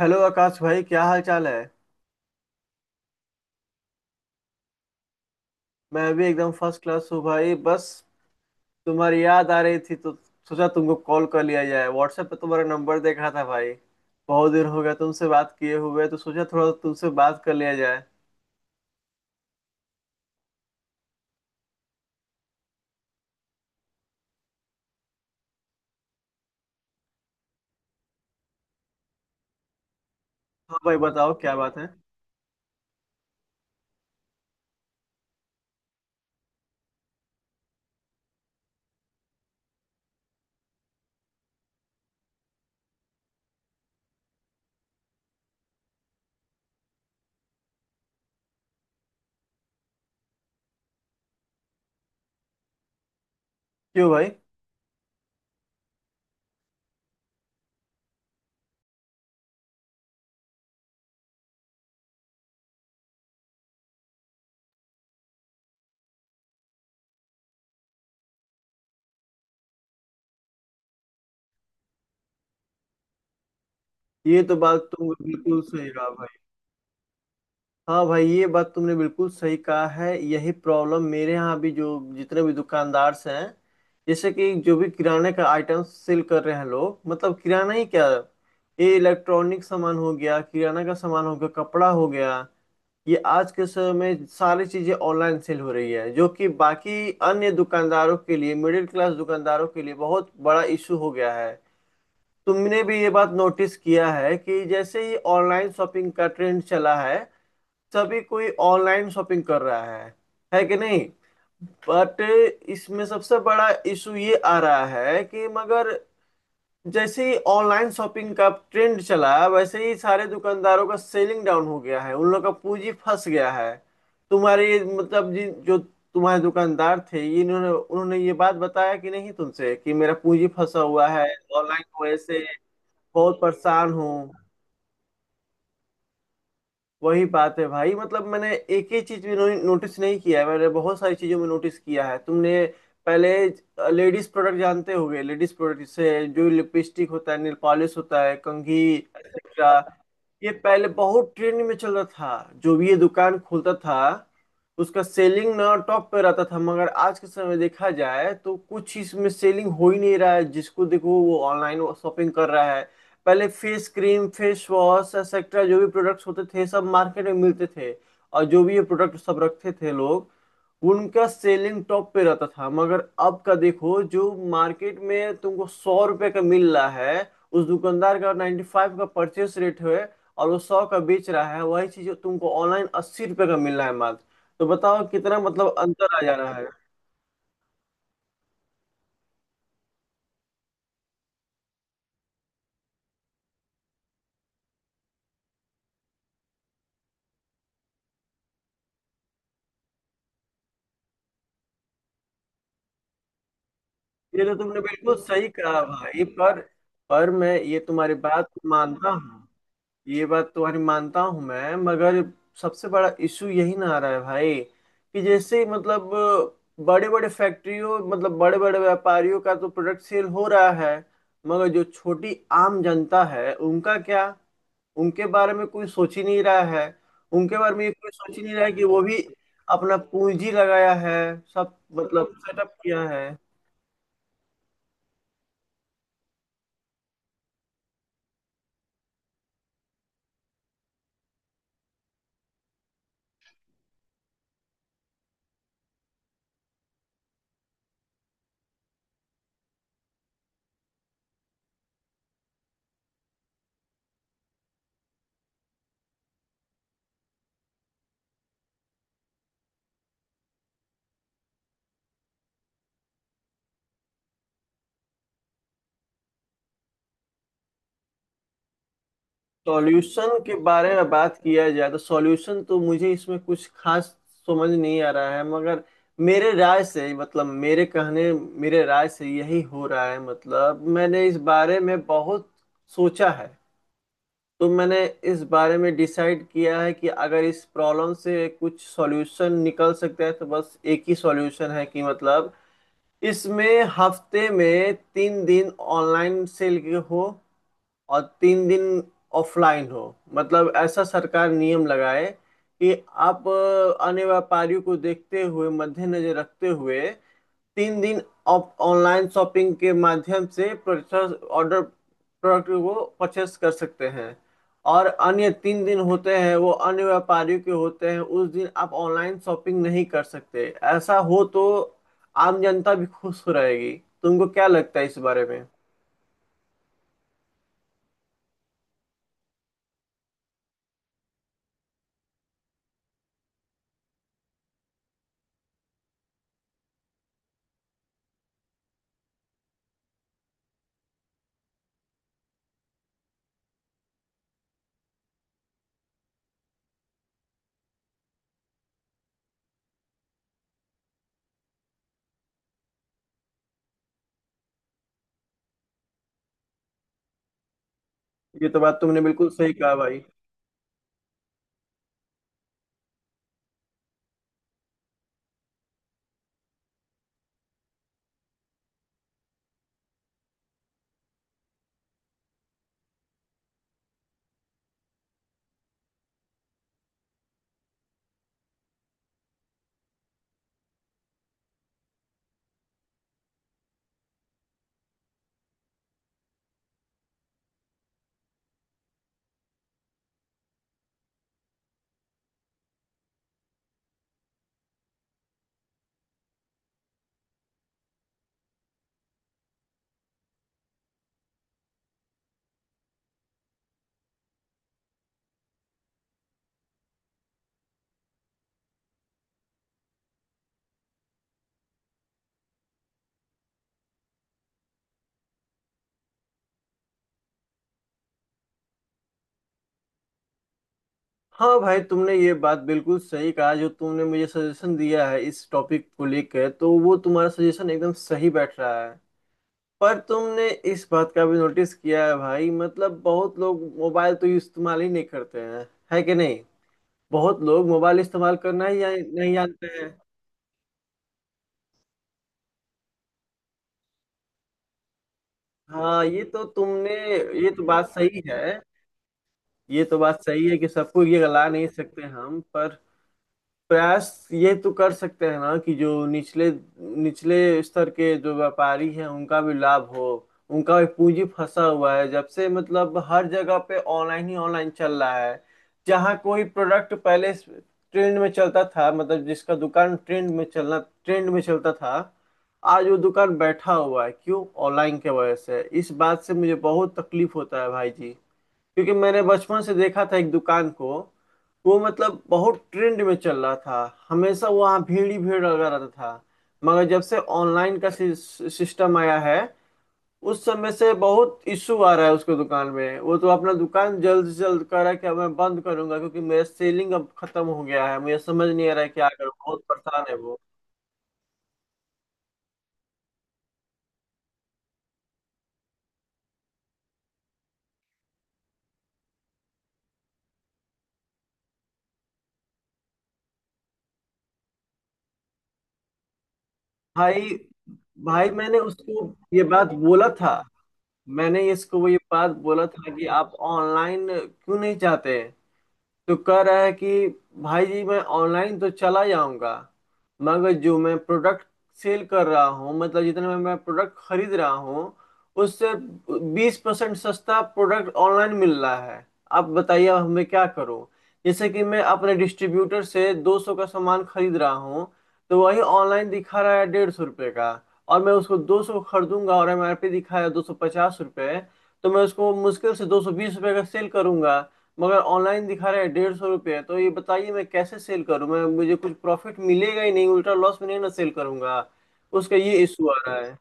Hello Akash भाई, क्या हाल चाल है? मैं भी एकदम फर्स्ट क्लास हूँ भाई। बस तुम्हारी याद आ रही थी तो सोचा तुमको कॉल कर लिया जाए। व्हाट्सएप पे तुम्हारा नंबर देखा था भाई। बहुत दिन हो गया तुमसे बात किए हुए तो सोचा थोड़ा तुमसे बात कर लिया जाए। हाँ भाई, बताओ क्या बात है? क्यों भाई? ये तो बात तुम बिल्कुल सही कहा भाई। हाँ भाई, ये बात तुमने बिल्कुल सही कहा है। यही प्रॉब्लम मेरे यहाँ भी जो जितने भी दुकानदार हैं, जैसे कि जो भी किराने का आइटम सेल कर रहे हैं लोग, मतलब किराना ही क्या, ये इलेक्ट्रॉनिक सामान हो गया, किराना का सामान हो गया, कपड़ा हो गया, ये आज के समय में सारी चीजें ऑनलाइन सेल हो रही है, जो कि बाकी अन्य दुकानदारों के लिए, मिडिल क्लास दुकानदारों के लिए बहुत बड़ा इशू हो गया है। तुमने भी ये बात नोटिस किया है कि जैसे ही ऑनलाइन शॉपिंग का ट्रेंड चला है, सभी कोई ऑनलाइन शॉपिंग कर रहा है। है कि नहीं? बट इसमें सबसे बड़ा इशू ये आ रहा है कि मगर जैसे ही ऑनलाइन शॉपिंग का ट्रेंड चला, वैसे ही सारे दुकानदारों का सेलिंग डाउन हो गया है, उन लोग का पूंजी फंस गया है। तुम्हारे मतलब जिन जो तुम्हारे दुकानदार थे, ये इन्होंने उन्होंने ये बात बताया कि नहीं तुमसे, कि मेरा पूंजी फंसा हुआ है ऑनलाइन की वजह से, बहुत परेशान हूँ। वही बात है भाई। मतलब मैंने एक ही चीज भी नोटिस नहीं किया है, मैंने बहुत सारी चीजों में नोटिस किया है। तुमने पहले लेडीज प्रोडक्ट जानते होगे, लेडीज प्रोडक्ट से जो लिपस्टिक होता है, नेल पॉलिश होता है, कंघी एक्सेट्रा, ये पहले बहुत ट्रेंड में चल रहा था। जो भी ये दुकान खोलता था उसका सेलिंग ना टॉप पे रहता था, मगर आज के समय देखा जाए तो कुछ इसमें सेलिंग हो ही नहीं रहा है। जिसको देखो वो ऑनलाइन शॉपिंग कर रहा है। पहले face cream, face wash etcetera जो भी प्रोडक्ट्स होते थे सब मार्केट में मिलते थे, और जो भी ये प्रोडक्ट सब रखते थे लोग, उनका सेलिंग टॉप पे रहता था। मगर अब का देखो, जो मार्केट में तुमको 100 रुपए का मिल रहा है, उस दुकानदार का 95 का परचेस रेट है और वो 100 का बेच रहा है। वही चीज तुमको ऑनलाइन 80 रुपये का मिल रहा है मात्र। तो बताओ कितना मतलब अंतर आ जा रहा है। ये तो तुमने बिल्कुल सही कहा भाई, पर मैं ये तुम्हारी बात मानता हूँ, ये बात तुम्हारी मानता हूँ मैं, मगर सबसे बड़ा इशू यही ना आ रहा है भाई, कि जैसे मतलब बड़े बड़े फैक्ट्रियों, मतलब बड़े बड़े व्यापारियों का तो प्रोडक्ट सेल हो रहा है, मगर जो छोटी आम जनता है उनका क्या? उनके बारे में कोई सोच ही नहीं रहा है, उनके बारे में ये कोई सोच ही नहीं रहा है कि वो भी अपना पूंजी लगाया है, सब मतलब सेटअप किया है। सॉल्यूशन के बारे में बात किया जाए तो सॉल्यूशन तो मुझे इसमें कुछ खास समझ नहीं आ रहा है, मगर मेरे राय से, मतलब मेरे राय से यही हो रहा है। मतलब मैंने इस बारे में बहुत सोचा है, तो मैंने इस बारे में डिसाइड किया है कि अगर इस प्रॉब्लम से कुछ सॉल्यूशन निकल सकता है तो बस एक ही सॉल्यूशन है, कि मतलब इसमें हफ्ते में 3 दिन ऑनलाइन सेल हो और 3 दिन ऑफलाइन हो। मतलब ऐसा सरकार नियम लगाए कि आप अन्य व्यापारियों को देखते हुए, मद्देनजर रखते हुए, 3 दिन आप ऑनलाइन शॉपिंग के माध्यम से परचेस ऑर्डर, प्रोडक्ट को परचेस कर सकते हैं, और अन्य 3 दिन होते हैं वो अन्य व्यापारियों के होते हैं, उस दिन आप ऑनलाइन शॉपिंग नहीं कर सकते। ऐसा हो तो आम जनता भी खुश रहेगी। तुमको क्या लगता है इस बारे में? ये तो बात तुमने बिल्कुल सही कहा भाई। हाँ भाई, तुमने ये बात बिल्कुल सही कहा, जो तुमने मुझे सजेशन दिया है इस टॉपिक को लेकर, तो वो तुम्हारा सजेशन एकदम सही बैठ रहा है। पर तुमने इस बात का भी नोटिस किया है भाई, मतलब बहुत लोग मोबाइल तो इस्तेमाल ही नहीं करते हैं। है कि नहीं? बहुत लोग मोबाइल इस्तेमाल करना ही नहीं जानते हैं। हाँ, ये तो तुमने, ये तो बात सही है, ये तो बात सही है कि सबको ये गला नहीं सकते हम, पर प्रयास ये तो कर सकते हैं ना कि जो निचले निचले स्तर के जो व्यापारी हैं उनका भी लाभ हो। उनका भी पूंजी फंसा हुआ है, जब से मतलब हर जगह पे ऑनलाइन ही ऑनलाइन चल रहा है। जहाँ कोई प्रोडक्ट पहले ट्रेंड में चलता था, मतलब जिसका दुकान ट्रेंड में चलता था, आज वो दुकान बैठा हुआ है। क्यों? ऑनलाइन के वजह से। इस बात से मुझे बहुत तकलीफ होता है भाई जी, क्योंकि मैंने बचपन से देखा था एक दुकान को, वो मतलब बहुत ट्रेंड में चल रहा था, हमेशा वहाँ भीड़ ही भीड़ लगा रहता था, मगर जब से ऑनलाइन का सिस्टम आया है, उस समय से बहुत इशू आ रहा है उसके दुकान में। वो तो अपना दुकान जल्द से जल्द कह रहा है कि अब मैं बंद करूंगा, क्योंकि मेरा सेलिंग अब खत्म हो गया है, मुझे समझ नहीं आ रहा है क्या करूं, बहुत परेशान है वो। भाई भाई, मैंने उसको ये बात बोला था, मैंने इसको वो ये बात बोला था कि आप ऑनलाइन क्यों नहीं चाहते? तो कह रहा है कि भाई जी, मैं ऑनलाइन तो चला जाऊंगा, मगर जो मैं प्रोडक्ट सेल कर रहा हूँ, मतलब जितने में मैं प्रोडक्ट खरीद रहा हूँ, उससे 20% सस्ता प्रोडक्ट ऑनलाइन मिल रहा है। आप बताइए अब मैं क्या करूँ? जैसे कि मैं अपने डिस्ट्रीब्यूटर से 200 का सामान खरीद रहा हूँ, तो वही ऑनलाइन दिखा रहा है 150 रुपये का। और मैं उसको 200 खरीदूंगा और एमआरपी दिखाया 250 रुपये, तो मैं उसको मुश्किल से 220 रुपये का सेल करूंगा, मगर ऑनलाइन दिखा रहे हैं 150 रुपये। तो ये बताइए मैं कैसे सेल करूं? मैं, मुझे कुछ प्रॉफिट मिलेगा ही नहीं, उल्टा लॉस में नहीं ना सेल करूंगा। उसका ये इशू आ रहा है।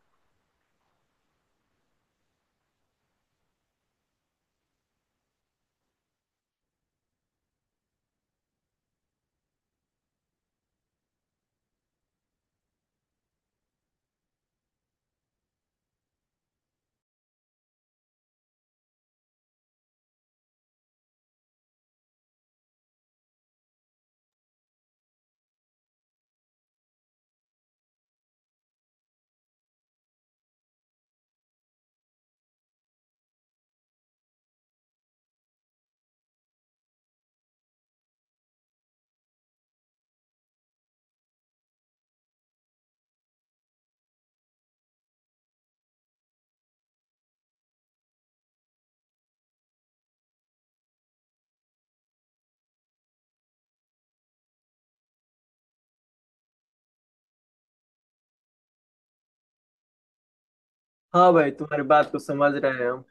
हाँ भाई, तुम्हारी बात को समझ रहे हैं हम।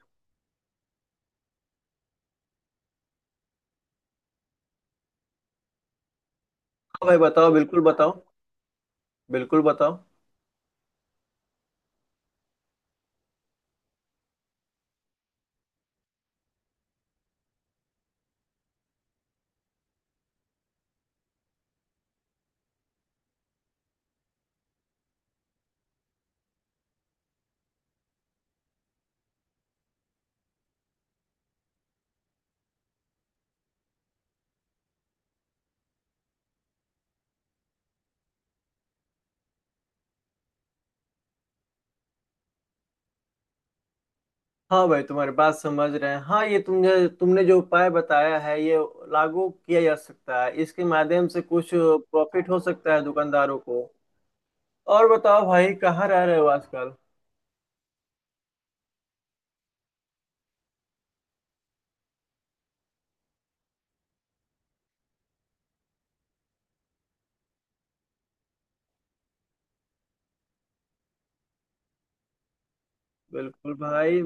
हाँ भाई, बताओ, बिल्कुल बताओ, बिल्कुल बताओ। हाँ भाई, तुम्हारी बात समझ रहे हैं। हाँ, ये तुमने, तुमने जो उपाय बताया है, ये लागू किया जा सकता है, इसके माध्यम से कुछ प्रॉफिट हो सकता है दुकानदारों को। और बताओ भाई, कहाँ रह रहे हो आजकल? बिल्कुल भाई।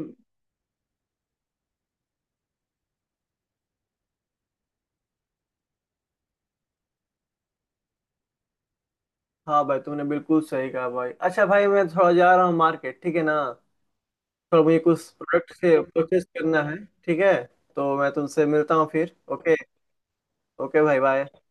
हाँ भाई, तुमने बिल्कुल सही कहा भाई। अच्छा भाई, मैं थोड़ा जा रहा हूँ मार्केट, ठीक है ना? थोड़ा मुझे कुछ प्रोडक्ट से परचेस करना है। ठीक है, तो मैं तुमसे मिलता हूँ फिर। ओके, ओके भाई, बाय।